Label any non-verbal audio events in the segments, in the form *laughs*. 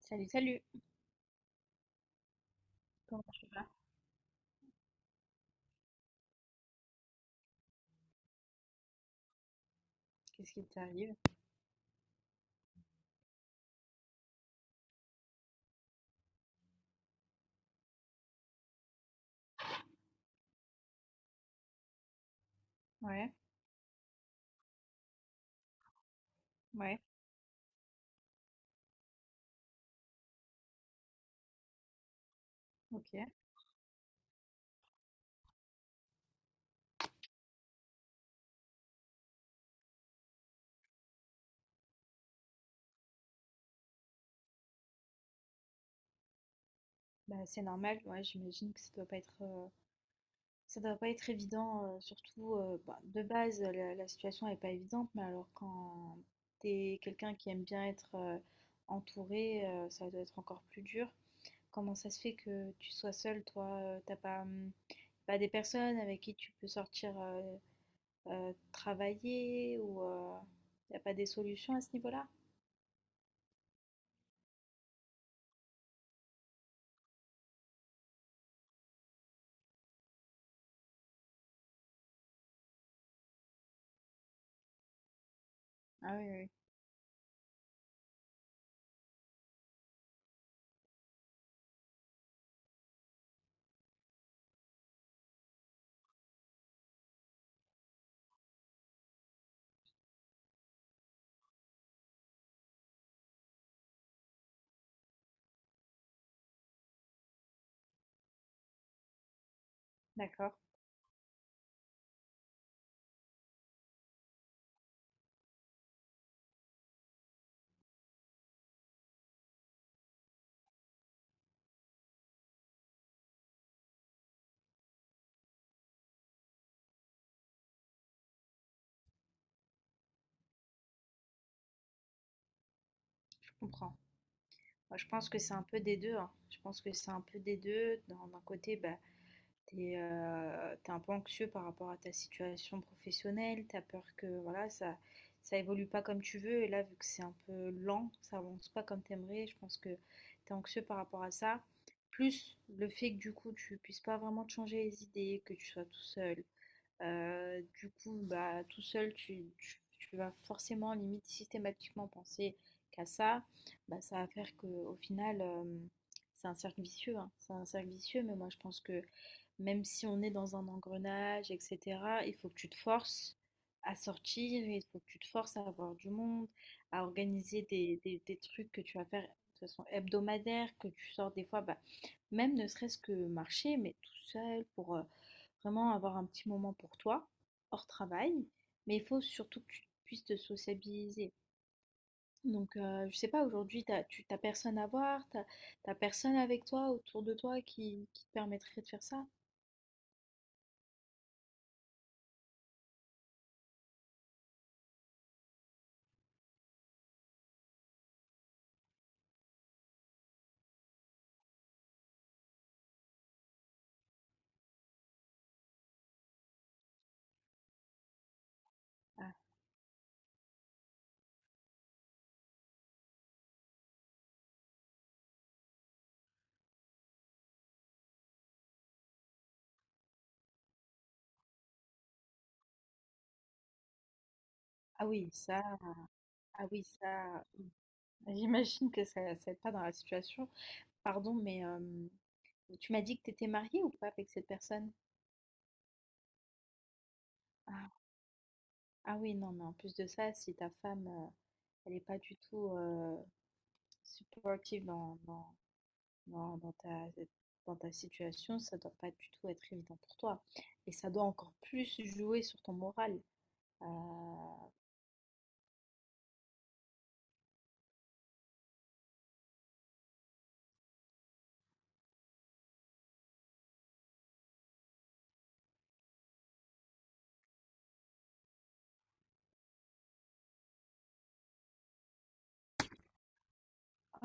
Salut, salut. Comment tu vas? Qu'est-ce qui t'arrive? Ouais, ouais, ok. Bah, c'est normal, ouais, j'imagine que ça doit pas être évident, surtout bah, de base, la situation est pas évidente, mais alors quand t'es quelqu'un qui aime bien être entouré, ça doit être encore plus dur. Comment ça se fait que tu sois seul, toi? T'as pas, pas des personnes avec qui tu peux sortir travailler ou y a pas des solutions à ce niveau-là? Ah oui, oui, d'accord. Je comprends. Moi, je pense que c'est un peu des deux, hein. Je pense que c'est un peu des deux. D'un côté, bah, t'es un peu anxieux par rapport à ta situation professionnelle. T'as peur que voilà, ça évolue pas comme tu veux. Et là, vu que c'est un peu lent, ça avance pas comme t'aimerais. Je pense que t'es anxieux par rapport à ça. Plus le fait que du coup, tu puisses pas vraiment te changer les idées, que tu sois tout seul, du coup, bah, tout seul, tu vas forcément, limite, systématiquement penser qu'à ça. Bah, ça va faire qu'au final, c'est un cercle vicieux, hein. C'est un cercle vicieux, mais moi, je pense que même si on est dans un engrenage, etc., il faut que tu te forces à sortir, il faut que tu te forces à avoir du monde, à organiser des trucs que tu vas faire de façon hebdomadaire, que tu sors des fois, bah, même ne serait-ce que marcher, mais tout seul vraiment avoir un petit moment pour toi, hors travail, mais il faut surtout que tu puisses te sociabiliser. Donc, je sais pas, aujourd'hui, tu t'as personne à voir, t'as personne avec toi, autour de toi, qui te permettrait de faire ça. Ah, ah oui, ça, ah oui, ça, *laughs* j'imagine que ça aide pas dans la situation. Pardon, mais tu m'as dit que t'étais mariée ou pas avec cette personne? Ah, ah oui, non, mais en plus de ça, si ta femme, elle est pas du tout supportive dans non, dans ta situation, ça doit pas du tout être évident pour toi. Et ça doit encore plus jouer sur ton moral. Oh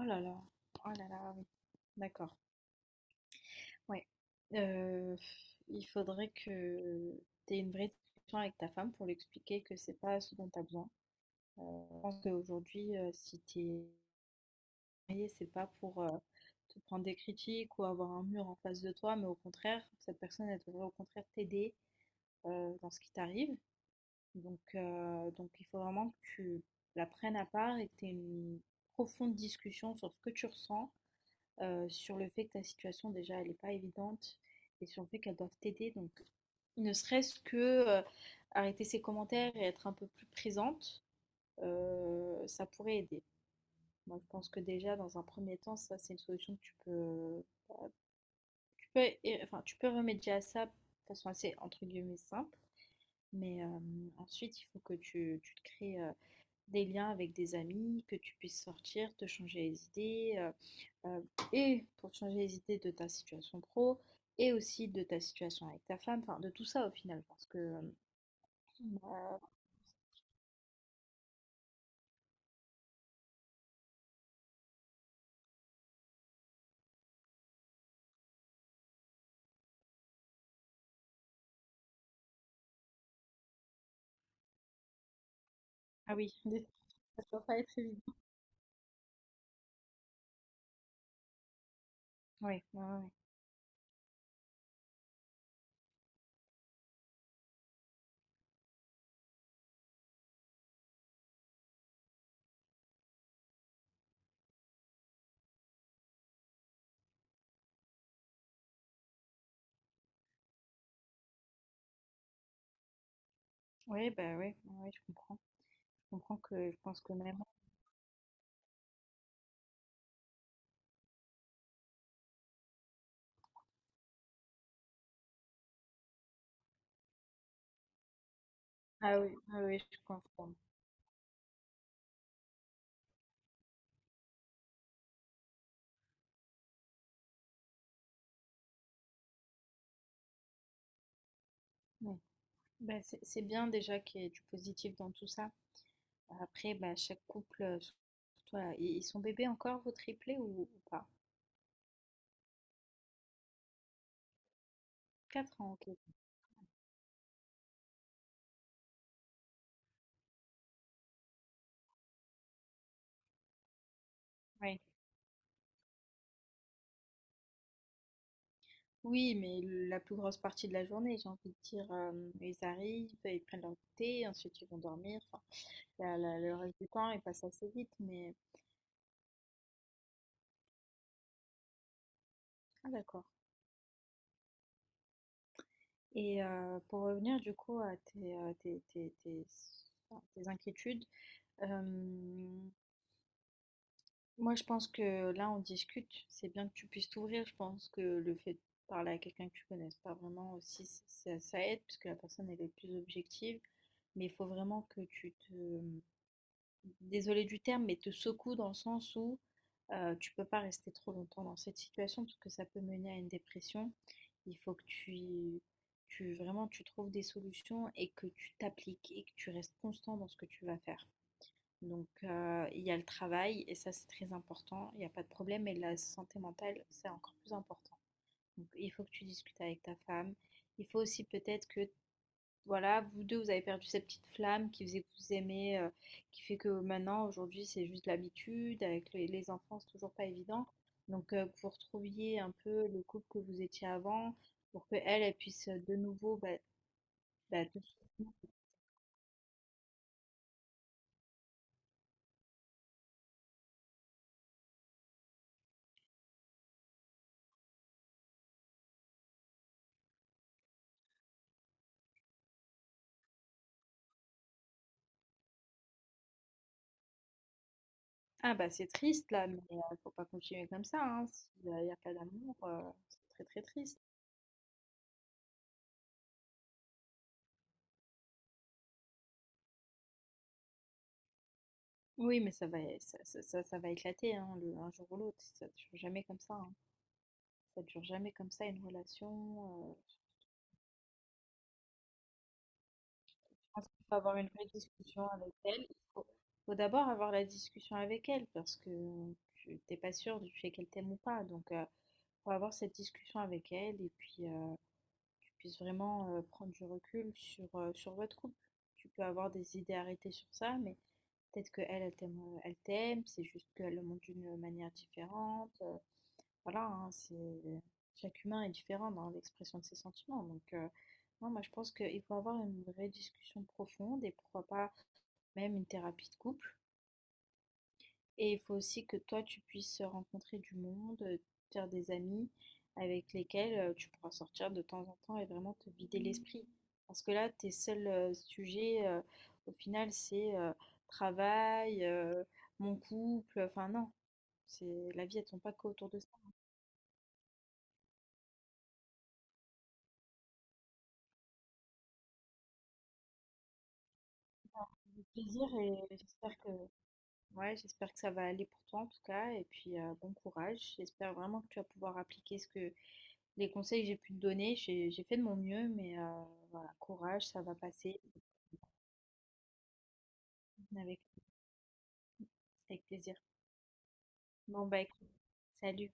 là là, oh là là, oui. D'accord. Ouais. Euh, il faudrait que tu aies une vraie discussion avec ta femme pour lui expliquer que c'est pas ce dont tu as besoin. Je pense qu'aujourd'hui, si tu es marié, c'est pas pour te prendre des critiques ou avoir un mur en face de toi, mais au contraire, cette personne, elle devrait au contraire t'aider dans ce qui t'arrive. Donc il faut vraiment que tu la prennes à part et que tu aies une profonde discussion sur ce que tu ressens, sur le fait que ta situation déjà elle est pas évidente et sur le fait qu'elles doivent t'aider. Donc ne serait-ce que, arrêter ses commentaires et être un peu plus présente, ça pourrait aider. Moi, je pense que déjà dans un premier temps, ça c'est une solution que tu peux é enfin tu peux remédier à ça de façon assez entre guillemets «simple». Mais, ensuite il faut que tu te crées, des liens avec des amis, que tu puisses sortir, te changer les idées, euh, et pour te changer les idées de ta situation pro, et aussi de ta situation avec ta femme, enfin de tout ça au final, ah oui, *laughs* ça doit pas être évident. Oui, ouais, ouais, ouais. Ouais, bah ouais, ouais, je comprends. Je comprends que je pense que même. Ah oui, ah oui, je comprends. Ouais. Bah, c'est bien déjà qu'il y ait du positif dans tout ça. Après, bah, chaque couple, surtout, ils sont bébés encore, vos triplés ou pas? 4 ans, ok. Oui, mais la plus grosse partie de la journée, j'ai envie de dire, ils arrivent, ils prennent leur thé, ensuite ils vont dormir. Enfin, le reste du temps, il passe assez vite, mais. Ah d'accord. Et pour revenir du coup à enfin, tes inquiétudes, euh, moi je pense que là on discute, c'est bien que tu puisses t'ouvrir, je pense que le fait de parler à quelqu'un que tu connaisses pas vraiment aussi, ça aide, parce que la personne elle est plus objective, mais il faut vraiment que tu te, désolée du terme, mais te secoue dans le sens où tu peux pas rester trop longtemps dans cette situation parce que ça peut mener à une dépression. Il faut que tu vraiment tu trouves des solutions et que tu t'appliques et que tu restes constant dans ce que tu vas faire. Donc il y a le travail et ça c'est très important, il y a pas de problème, et la santé mentale, c'est encore plus important. Donc il faut que tu discutes avec ta femme. Il faut aussi peut-être que voilà, vous 2, vous avez perdu cette petite flamme qui faisait que vous aimez, qui fait que maintenant, aujourd'hui, c'est juste l'habitude. Avec les enfants, c'est toujours pas évident. Donc, que vous retrouviez un peu le couple que vous étiez avant pour que elle elle puisse, de nouveau, bah, te soutenir. Ah bah, c'est triste là, mais faut pas continuer comme ça, hein. S'il y a pas d'amour, c'est très, très triste. Oui, mais ça va ça ça ça ça va éclater, hein, le un jour ou l'autre. Ça dure jamais comme ça, hein. Ça dure jamais comme ça une relation, je pense qu'il faut avoir une vraie discussion avec elle. Il faut d'abord avoir la discussion avec elle parce que tu t'es pas sûr du fait qu'elle t'aime ou pas. Donc, faut avoir cette discussion avec elle et puis que tu puisses vraiment prendre du recul sur votre couple. Tu peux avoir des idées arrêtées sur ça, mais peut-être que elle, elle t'aime, c'est juste qu'elle le montre d'une manière différente. Voilà, hein, c'est chaque humain est différent dans l'expression de ses sentiments. Donc, non, moi, je pense qu'il faut avoir une vraie discussion profonde et pourquoi pas même une thérapie de couple. Et il faut aussi que toi, tu puisses rencontrer du monde, faire des amis avec lesquels tu pourras sortir de temps en temps et vraiment te vider l'esprit. Parce que là, tes seuls sujets, au final, c'est travail, mon couple. Enfin, non, c'est la vie, elle ne tourne pas qu'autour de ça. Avec plaisir et j'espère que ouais, j'espère que ça va aller pour toi en tout cas et puis bon courage. J'espère vraiment que tu vas pouvoir appliquer ce que les conseils que j'ai pu te donner. J'ai fait de mon mieux, mais voilà, courage, ça va passer avec avec plaisir. Bon bah écoute, salut.